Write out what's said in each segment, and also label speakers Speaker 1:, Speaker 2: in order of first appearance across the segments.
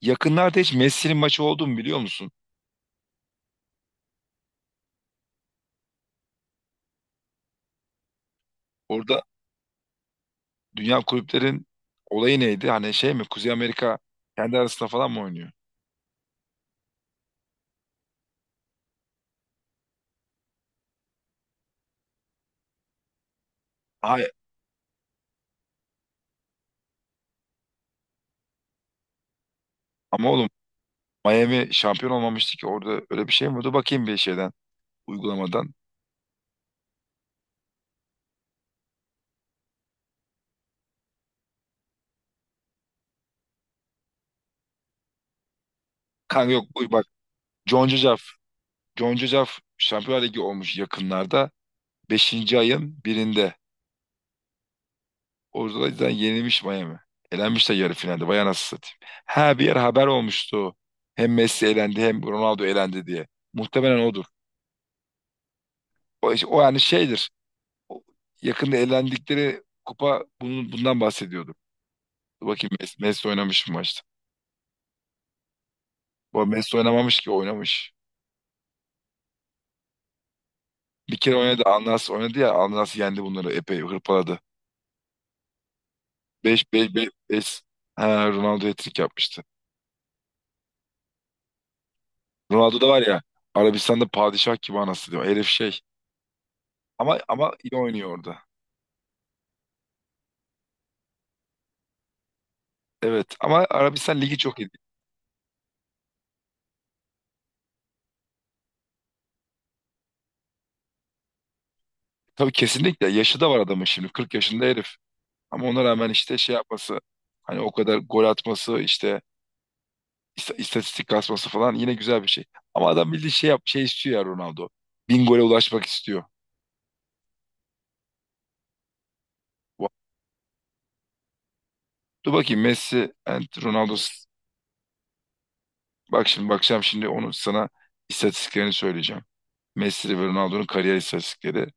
Speaker 1: Yakınlarda hiç Messi'nin maçı oldu mu biliyor musun? Orada dünya kulüplerin olayı neydi? Hani şey mi Kuzey Amerika kendi arasında falan mı oynuyor? Hayır, ama oğlum Miami şampiyon olmamıştı ki orada öyle bir şey mi? Dur bakayım bir şeyden, uygulamadan. Kanka yok, uy bak, John Cucaf. John Cucaf Şampiyonlar Ligi olmuş yakınlarda. Beşinci ayın birinde. Orada da zaten yenilmiş Miami. Elenmiş de yarı finalde. Vay anasını satayım. Ha, bir yer haber olmuştu. Hem Messi elendi hem Ronaldo elendi diye. Muhtemelen odur. O, işte, o yani şeydir. O yakında elendikleri kupa bundan bahsediyordu. Dur bakayım, Messi oynamış mı maçta? Bu arada Messi oynamamış ki oynamış. Bir kere oynadı. Alnas oynadı ya. Alnas yendi bunları. Epey hırpaladı. 5 5 5 5. Ha, Ronaldo hat-trick yapmıştı. Ronaldo da var ya. Arabistan'da padişah gibi anası diyor. Herif şey. Ama iyi oynuyor orada. Evet, ama Arabistan ligi çok iyi. Tabii kesinlikle yaşı da var adamın, şimdi 40 yaşında herif. Ama ona rağmen işte şey yapması, hani o kadar gol atması, işte istatistik kasması falan yine güzel bir şey. Ama adam bildiği şey yap, şey istiyor ya Ronaldo. 1000 gole ulaşmak istiyor. Bu- Dur bakayım, Messi and Ronaldo. Bak şimdi bakacağım, şimdi onu sana istatistiklerini söyleyeceğim. Messi ve Ronaldo'nun kariyer istatistikleri.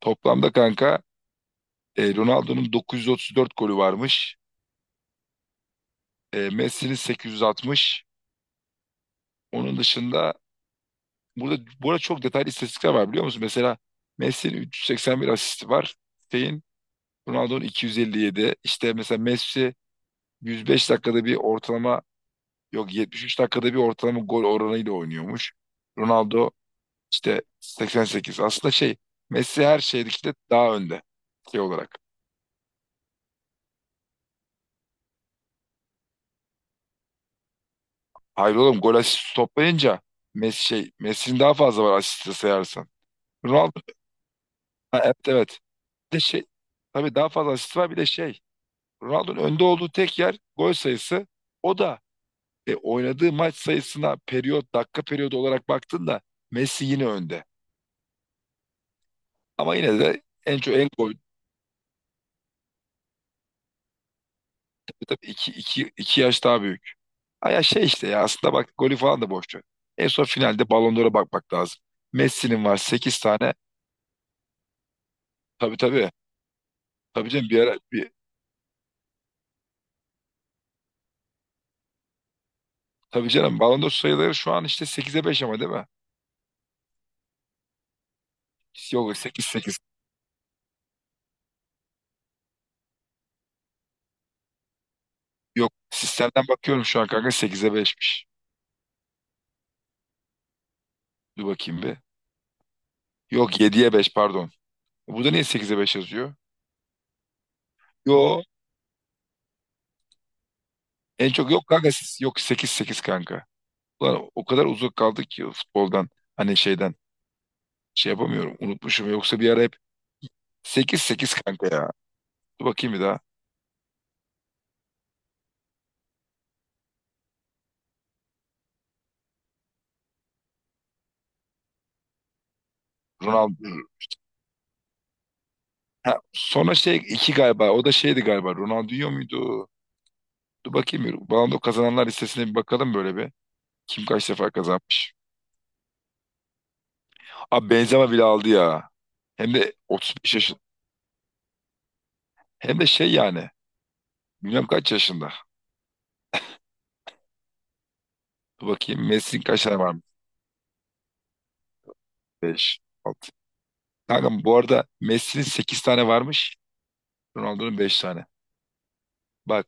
Speaker 1: Toplamda kanka, Ronaldo'nun 934 golü varmış. Messi'nin 860. Onun dışında burada bu arada çok detaylı istatistikler var biliyor musun? Mesela Messi'nin 381 asisti var. Şeyin, Ronaldo'nun 257. İşte mesela Messi 105 dakikada bir ortalama, yok 73 dakikada bir ortalama gol oranıyla oynuyormuş. Ronaldo işte 88. Aslında şey, Messi her şeydeki de daha önde şey olarak. Hayır oğlum, gol asist toplayınca Messi şey Messi'nin daha fazla var, asiste sayarsan. Ronaldo, ha, evet, evet. Bir de şey, tabii daha fazla asist var, bir de şey, Ronaldo'nun önde olduğu tek yer gol sayısı. O da oynadığı maç sayısına periyot dakika periyodu olarak baktığında Messi yine önde. Ama yine de en çok en gol. Tabii iki yaş daha büyük. Ha ya şey işte ya, aslında bak golü falan da boş ver. En son finalde Ballon d'Or'a bakmak lazım. Messi'nin var 8 tane. Tabii, tabii. Tabii canım tabii canım Ballon d'Or sayıları şu an işte sekize 5 ama, değil mi? Yok, sekiz sekiz. Yok, sistemden bakıyorum şu an kanka, sekize beşmiş. Dur bakayım bir. Yok, yediye 5 pardon. Bu da niye sekize 5 yazıyor? Yo, en çok, yok kanka, siz yok, sekiz sekiz kanka. Ulan o kadar uzak kaldık ki futboldan, hani şeyden, şey yapamıyorum, unutmuşum yoksa bir ara hep 8-8 kanka ya. Dur bakayım bir daha. Ronaldo. Ha, sonra şey 2 galiba. O da şeydi galiba. Ronaldinho muydu? Dur bakayım bir. Ballon d'Or kazananlar listesine bir bakalım böyle bir. Kim kaç defa kazanmış? Abi Benzema bile aldı ya. Hem de 35 yaşında. Hem de şey yani. Bilmem kaç yaşında. Dur bakayım. Messi'nin kaç tane varmış? 5, 6. Kanka bu arada Messi'nin 8 tane varmış. Ronaldo'nun 5 tane. Bak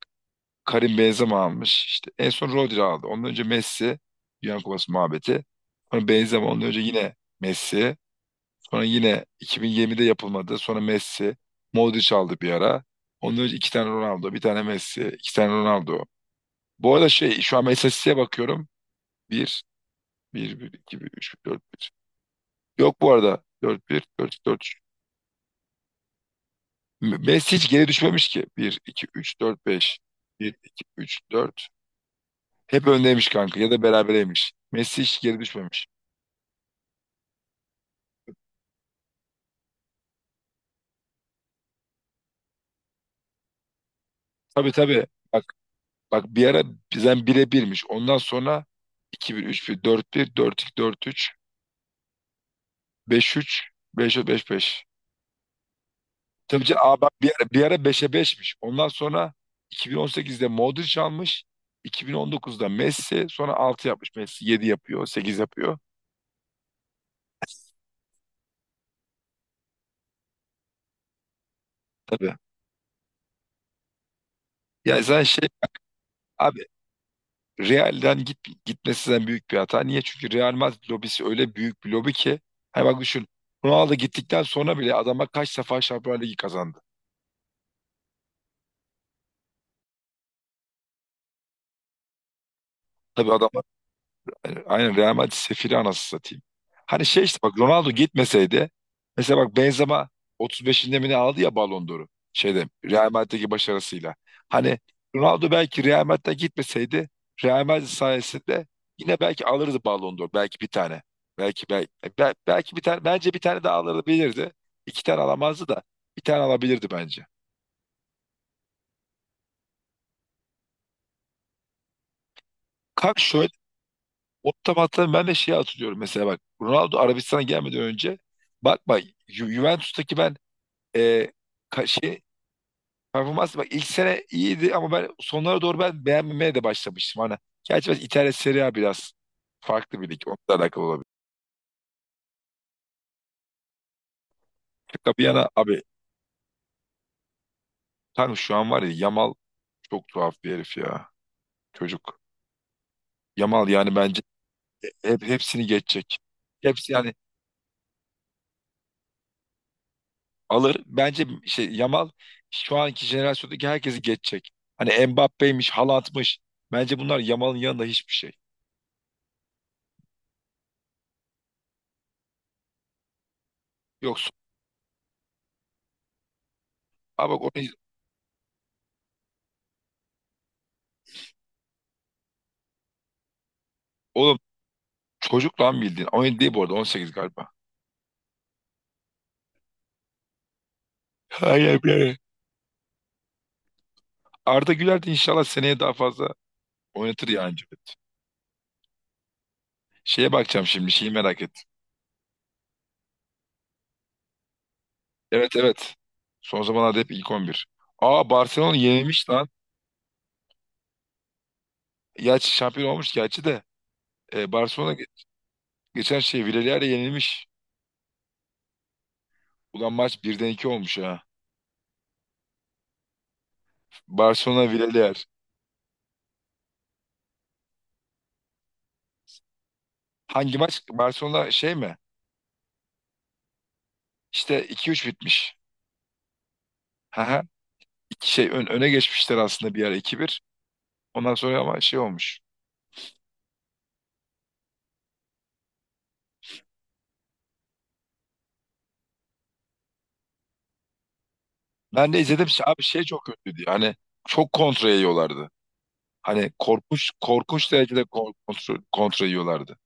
Speaker 1: Karim Benzema almış. İşte en son Rodri aldı. Ondan önce Messi. Dünya Kupası muhabbeti. Sonra Benzema. Ondan önce yine Messi. Sonra yine 2020'de yapılmadı. Sonra Messi. Modric aldı bir ara. Ondan önce iki tane Ronaldo. Bir tane Messi. İki tane Ronaldo. Bu arada şey, şu an ben istatistiğe bakıyorum. Bir, bir, 1, 2, 1, 3, dört, bir. Yok bu arada. Dört, bir, dört, dört. Messi hiç geri düşmemiş ki. Bir, iki, üç, dört, beş, bir, iki, üç, dört. Hep öndeymiş kanka ya da berabereymiş. Messi hiç geri düşmemiş. Tabii, tabii. Bak, bak, bir ara bizden bire birmiş. Ondan sonra iki bir, üç bir, dört bir, dört 2, dört üç, beş üç, 5-4, beş 5. Tabii ki, aa bak, bir ara beşe beşmiş. Ondan sonra 2018'de Modric almış. 2019'da Messi sonra 6 yapmış. Messi 7 yapıyor, 8 yapıyor. Tabii. Ya sen şey abi, Real'den gitmesinden büyük bir hata. Niye? Çünkü Real Madrid lobisi öyle büyük bir lobi ki. Hani bak düşün. Ronaldo gittikten sonra bile adama kaç defa Şampiyonlar Ligi kazandı. Tabii adam, yani aynen, Real Madrid sefiri, anasını satayım. Hani şey işte bak, Ronaldo gitmeseydi mesela, bak Benzema 35'inde mi ne aldı ya Ballon d'Or'u, şeyde Real Madrid'deki başarısıyla. Hani Ronaldo belki Real Madrid'den gitmeseydi, Real Madrid sayesinde yine belki alırdı Ballon d'Or, belki bir tane. Belki belki belki bir tane, bence bir tane daha alabilirdi. İki tane alamazdı da bir tane alabilirdi bence. Kanka şöyle, o otomatikman ben de şeyi hatırlıyorum, mesela bak Ronaldo Arabistan'a gelmeden önce. Bak, bak, Juventus'taki ben, e, şey performans, bak ilk sene iyiydi ama ben sonlara doğru beğenmemeye de başlamıştım hani. Gerçi biraz İtalya Serie A biraz farklı bir lig. Onunla alakalı olabilir. Şaka bir yana abi, tanrım şu an var ya Yamal çok tuhaf bir herif ya. Çocuk. Yamal yani bence hepsini geçecek. Hepsi yani alır. Bence şey Yamal şu anki jenerasyondaki herkesi geçecek. Hani Mbappe'ymiş, Haaland'mış. Bence bunlar Yamal'ın yanında hiçbir şey. Yok. Abi bak onu, oğlum, çocuk lan bildiğin. 17 değil bu arada, 18 galiba. Hayır be. Arda Güler de inşallah seneye daha fazla oynatır yani Cüneyt. Şeye bakacağım şimdi, şeyi merak et. Evet, evet. Son zamanlarda hep ilk 11. Aa Barcelona yenilmiş lan. Gerçi şampiyon olmuş gerçi de. Barcelona geçen şey Villarreal'e yenilmiş. Ulan maç birden 2 olmuş ha. Barcelona Villarreal. Hangi maç? Barcelona şey mi? İşte iki üç bitmiş. Haha. İki şey öne geçmişler aslında, bir ara iki bir. Ondan sonra ama şey olmuş. Ben de izledim. Abi şey çok kötüydü. Hani çok kontra yiyorlardı. Hani korkunç korkunç derecede kontra yiyorlardı.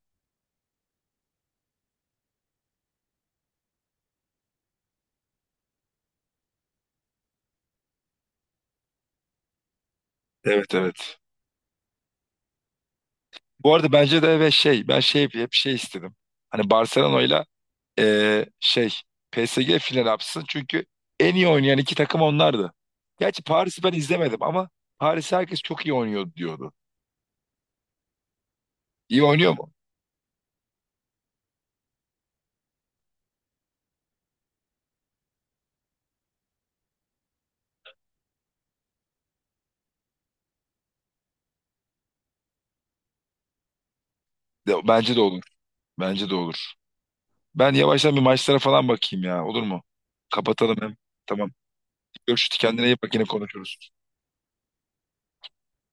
Speaker 1: Evet, evet. Bu arada bence de ve şey, ben şey hep şey istedim. Hani Barcelona ile şey PSG final yapsın. Çünkü en iyi oynayan iki takım onlardı. Gerçi Paris'i ben izlemedim ama Paris herkes çok iyi oynuyor diyordu. İyi oynuyor mu? Bence de olur. Bence de olur. Ben yavaştan bir maçlara falan bakayım ya. Olur mu? Kapatalım hem. Tamam. Görüşürüz. Kendine iyi bak, yine konuşuruz.